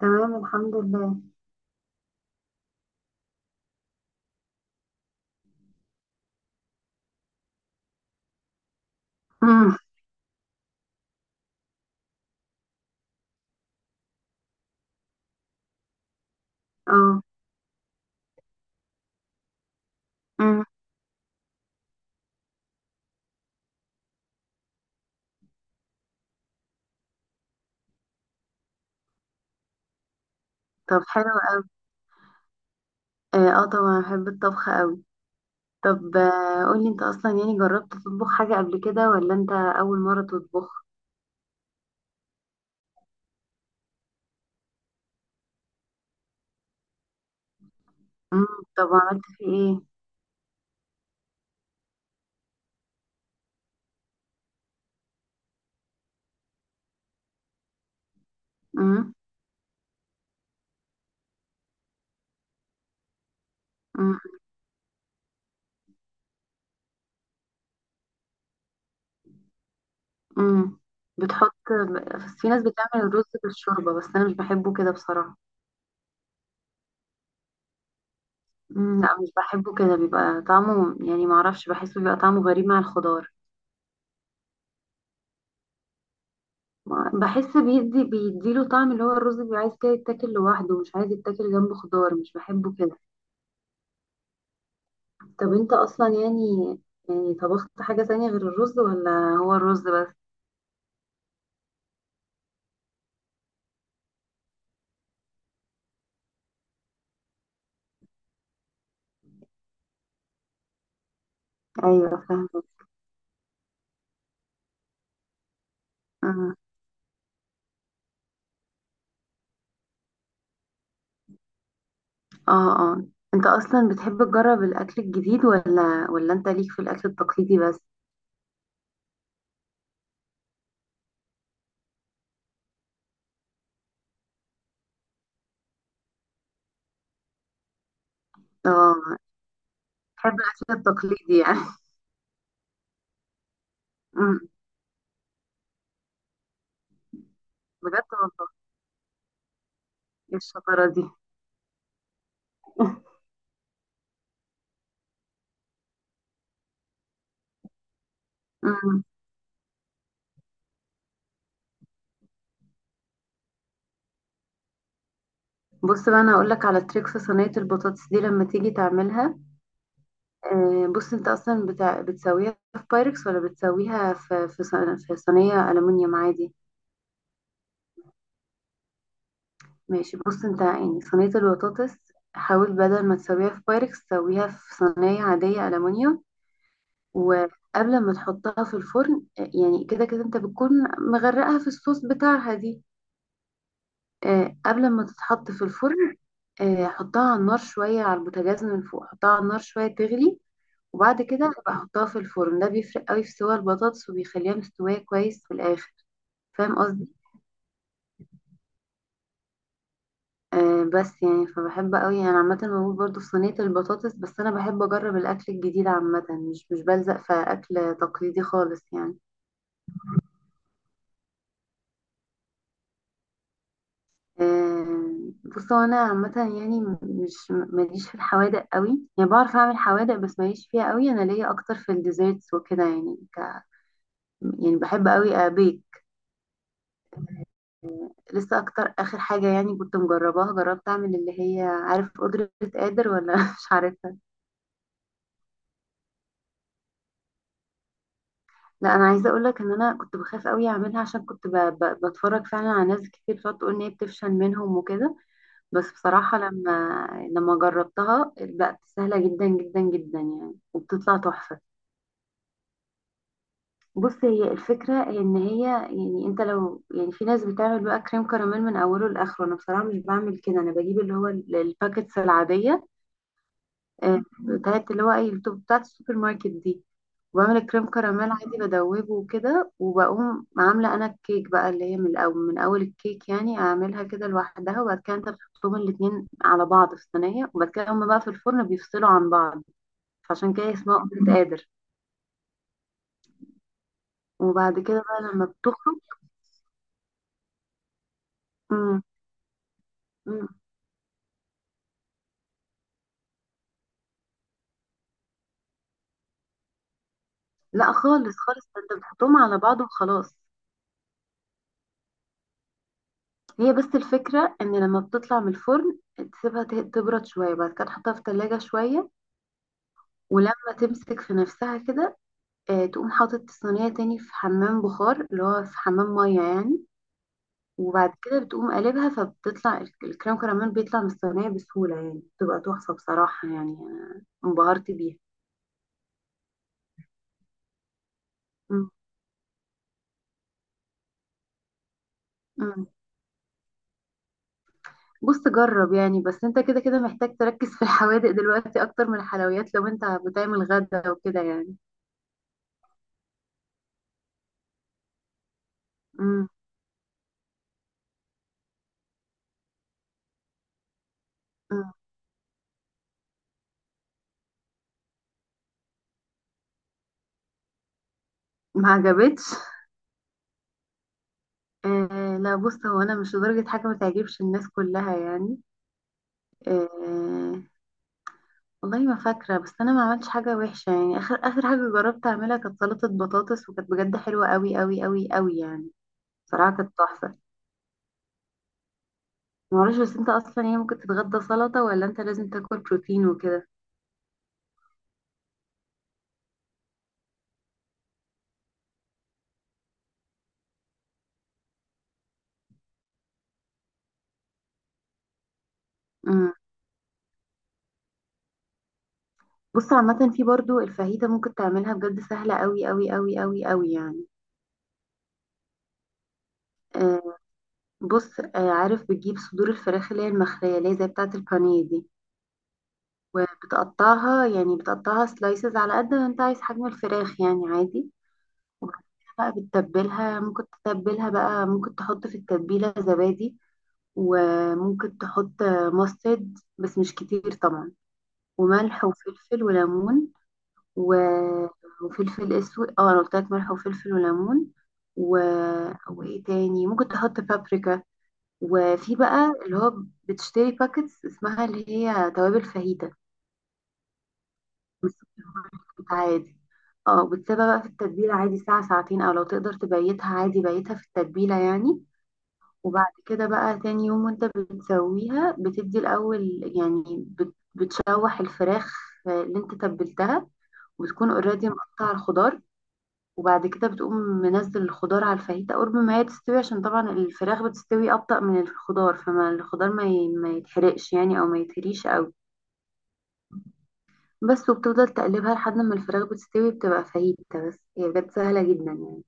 تمام، الحمد لله. امم اه امم طب حلو قوي. اه، طبعا بحب الطبخ قوي. طب قولي انت اصلا، يعني جربت تطبخ حاجة قبل كده ولا انت اول مرة تطبخ؟ امم طب عملت في ايه؟ امم امم أمم. بتحط، بس في ناس بتعمل الرز بالشوربة بس انا مش بحبه كده بصراحة. أمم، لا مش بحبه كده، بيبقى طعمه، يعني معرفش، بحسه بيبقى طعمه غريب مع الخضار. بحس بيدي، بيديله طعم، اللي هو الرز بيبقى عايز كده يتاكل لوحده، مش عايز يتاكل جنبه خضار، مش بحبه كده. طب انت اصلا يعني، طبخت حاجة تانية غير الرز ولا هو الرز بس؟ ايوه، فاهمة. اه. اه. آه. انت اصلا بتحب تجرب الاكل الجديد ولا انت ليك في الاكل التقليدي بس؟ اه، بتحب الاكل التقليدي يعني. أمم. بجد والله؟ ايه الشطارة دي! أمم. بص بقى، انا هقول لك على تريكس صينية البطاطس دي لما تيجي تعملها. بص، انت اصلا بتاع، بتسويها في بايركس ولا بتسويها في في صينيه الومنيوم عادي؟ ماشي، بص، انت يعني صينيه البطاطس، حاول بدل ما تسويها في بايركس تسويها في صينيه عاديه الومنيوم. وقبل ما تحطها في الفرن، يعني كده كده انت بتكون مغرقها في الصوص بتاعها دي، قبل ما تتحط في الفرن، حطها على النار شويه على البوتاجاز من فوق، حطها على النار شويه تغلي، وبعد كده بحطها في الفرن. ده بيفرق قوي في سوى البطاطس وبيخليها مستوية كويس في الآخر. فاهم قصدي؟ بس يعني، فبحب قوي انا عامة، بموت برضو في صينية البطاطس، بس انا بحب اجرب الاكل الجديد عامة، مش بلزق في اكل تقليدي خالص يعني. آه بص، هو انا عامة يعني مش ماليش في الحوادق قوي، يعني بعرف اعمل حوادق بس ماليش فيها قوي، انا ليا اكتر في الديزيرتس وكده يعني، يعني بحب قوي ابيك. لسه اكتر اخر حاجه يعني كنت مجرباها، جربت اعمل اللي هي، عارف قدره قادر ولا مش عارفها؟ لا، انا عايزه اقول لك ان انا كنت بخاف قوي اعملها، عشان كنت بتفرج فعلا على ناس كتير فتقول ان هي بتفشل منهم وكده. بس بصراحه لما جربتها، بقت سهله جدا جدا جدا يعني، وبتطلع تحفه. بص، هي الفكره ان هي، يعني انت لو، يعني في ناس بتعمل بقى كريم كراميل من اوله لاخره، انا بصراحه مش بعمل كده. انا بجيب اللي هو الباكتس العاديه، بتاعت اللي هو ايه، التوب بتاعت السوبر ماركت دي، وبعمل الكريم كراميل عادي بدوبه وكده، وبقوم عاملة انا الكيك بقى، اللي هي من الاول، من اول الكيك يعني اعملها كده لوحدها، وبعد كده انت بتحطهم الاتنين على بعض في صينية، وبعد كده هما بقى في الفرن بيفصلوا عن بعض، فعشان كده اسمها اومليت قادر. وبعد كده بقى لما بتخرج، مم. مم. لا خالص خالص، ده انت بتحطهم على بعض وخلاص. هي بس الفكرة ان لما بتطلع من الفرن، تسيبها تبرد شوية، بعد كده تحطها في التلاجة شوية، ولما تمسك في نفسها كده، تقوم حاطط الصينية تاني في حمام بخار، اللي هو في حمام مية يعني، وبعد كده بتقوم قلبها، فبتطلع الكريم كراميل بيطلع من الصينية بسهولة، يعني بتبقى تحفة بصراحة، يعني أنا انبهرت بيها. مم. مم. بص، جرب يعني، بس انت كده كده محتاج تركز في الحوادق دلوقتي أكتر من الحلويات، لو انت بتعمل غدا وكده يعني. مم. مم. ما عجبتش؟ آه لا، بص، هو أنا مش لدرجة حاجة ما تعجبش الناس كلها يعني. آه. والله ما فاكرة، بس أنا ما عملتش حاجة وحشة يعني، آخر آخر حاجة جربت أعملها كانت سلطة بطاطس، وكانت بجد حلوة أوي أوي أوي أوي يعني، بصراحة كانت تحفة. معرفش بس، أنت أصلا يعني ممكن تتغدى سلطة ولا أنت لازم تاكل بروتين وكده؟ امم بص عامة، في برضو الفاهيتة ممكن تعملها، بجد سهلة أوي أوي أوي أوي أوي يعني. آه. بص، عارف بتجيب صدور الفراخ، اللي هي المخلية، اللي هي زي بتاعة البانيه دي، وبتقطعها، يعني بتقطعها سلايسز على قد ما أنت عايز حجم الفراخ يعني عادي، بقى بتتبلها، ممكن تتبلها بقى، ممكن تحط في التتبيلة زبادي، وممكن تحط ماسترد بس مش كتير طبعا، وملح وفلفل وليمون، و... وفلفل اسود، اه انا قلت لك ملح وفلفل وليمون، و... وايه تاني، ممكن تحط بابريكا، وفي بقى اللي هو، بتشتري باكتس اسمها اللي هي توابل فاهيتا، مش عادي. اه، بتسيبها بقى في التتبيلة عادي ساعة ساعتين، او لو تقدر تبيتها عادي بيتها في التتبيلة يعني، وبعد كده بقى تاني يوم وانت بتسويها، بتدي الأول يعني بتشوح الفراخ اللي انت تبلتها، وتكون اوريدي مقطع الخضار، وبعد كده بتقوم منزل الخضار على الفاهيتا قرب ما هي تستوي، عشان طبعا الفراخ بتستوي أبطأ من الخضار، فما الخضار ما يتحرقش يعني، أو ما يتهريش أوي. بس، وبتفضل تقلبها لحد ما الفراخ بتستوي، بتبقى فاهيتا، بس هي بجد سهلة جدا يعني.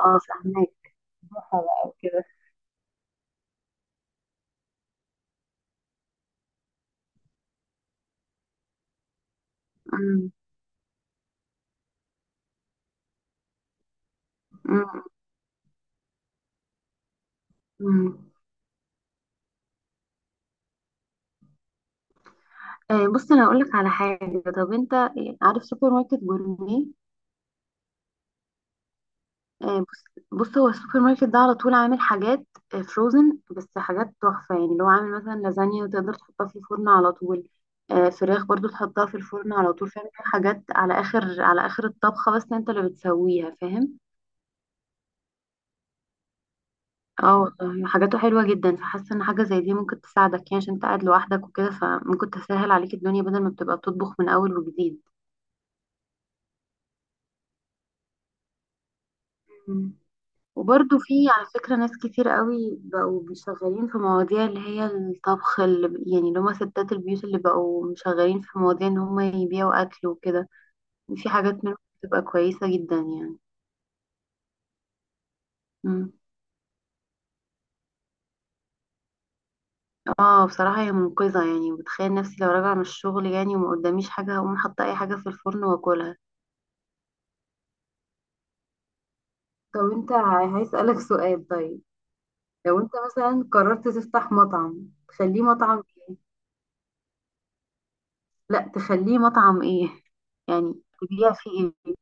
اه، فاهمك. بقى وكده. أمم، أمم، أمم. بص، انا هقول لك على حاجه. طب انت، عارف سوبر ماركت جورمي؟ بص، بص، هو السوبر ماركت ده على طول عامل حاجات فروزن، بس حاجات تحفه يعني، اللي هو عامل مثلا لازانيا وتقدر تحطها في الفرن على طول، فراخ برضو تحطها في الفرن على طول، فاهم؟ حاجات على اخر، على اخر الطبخه، بس انت اللي بتسويها، فاهم؟ اه والله، حاجاته حلوه جدا، فحاسه ان حاجه زي دي ممكن تساعدك يعني، عشان انت قاعد لوحدك وكده، فممكن تسهل عليك الدنيا بدل ما بتبقى بتطبخ من اول وجديد. مم. وبرضو في على فكرة ناس كتير قوي بقوا بيشغلين في مواضيع اللي هي الطبخ، اللي يعني اللي هما ستات البيوت اللي بقوا مشغلين في مواضيع ان هما يبيعوا اكل وكده، في حاجات منهم بتبقى كويسة جدا يعني. مم. اه بصراحة هي منقذة يعني، بتخيل نفسي لو راجعة من الشغل يعني وما قداميش حاجة، هقوم حاطة اي حاجة في الفرن واكلها. طب انت، هسألك سؤال. طيب، لو انت مثلا قررت تفتح مطعم، تخليه مطعم ايه؟ لا، تخليه مطعم ايه، يعني تبيع فيه ايه؟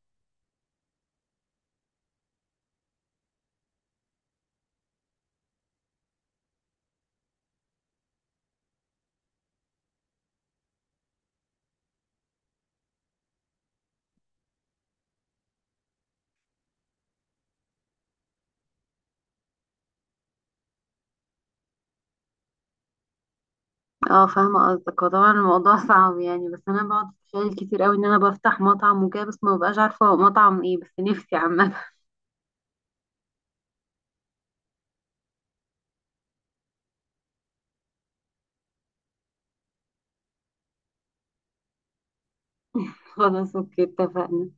اه فاهمة قصدك، هو طبعا الموضوع صعب يعني، بس انا بقعد اتخيل كتير قوي ان انا بفتح مطعم وكده، بس ما ببقاش عارفة هو مطعم ايه، بس نفسي عامة. خلاص، اوكي، اتفقنا.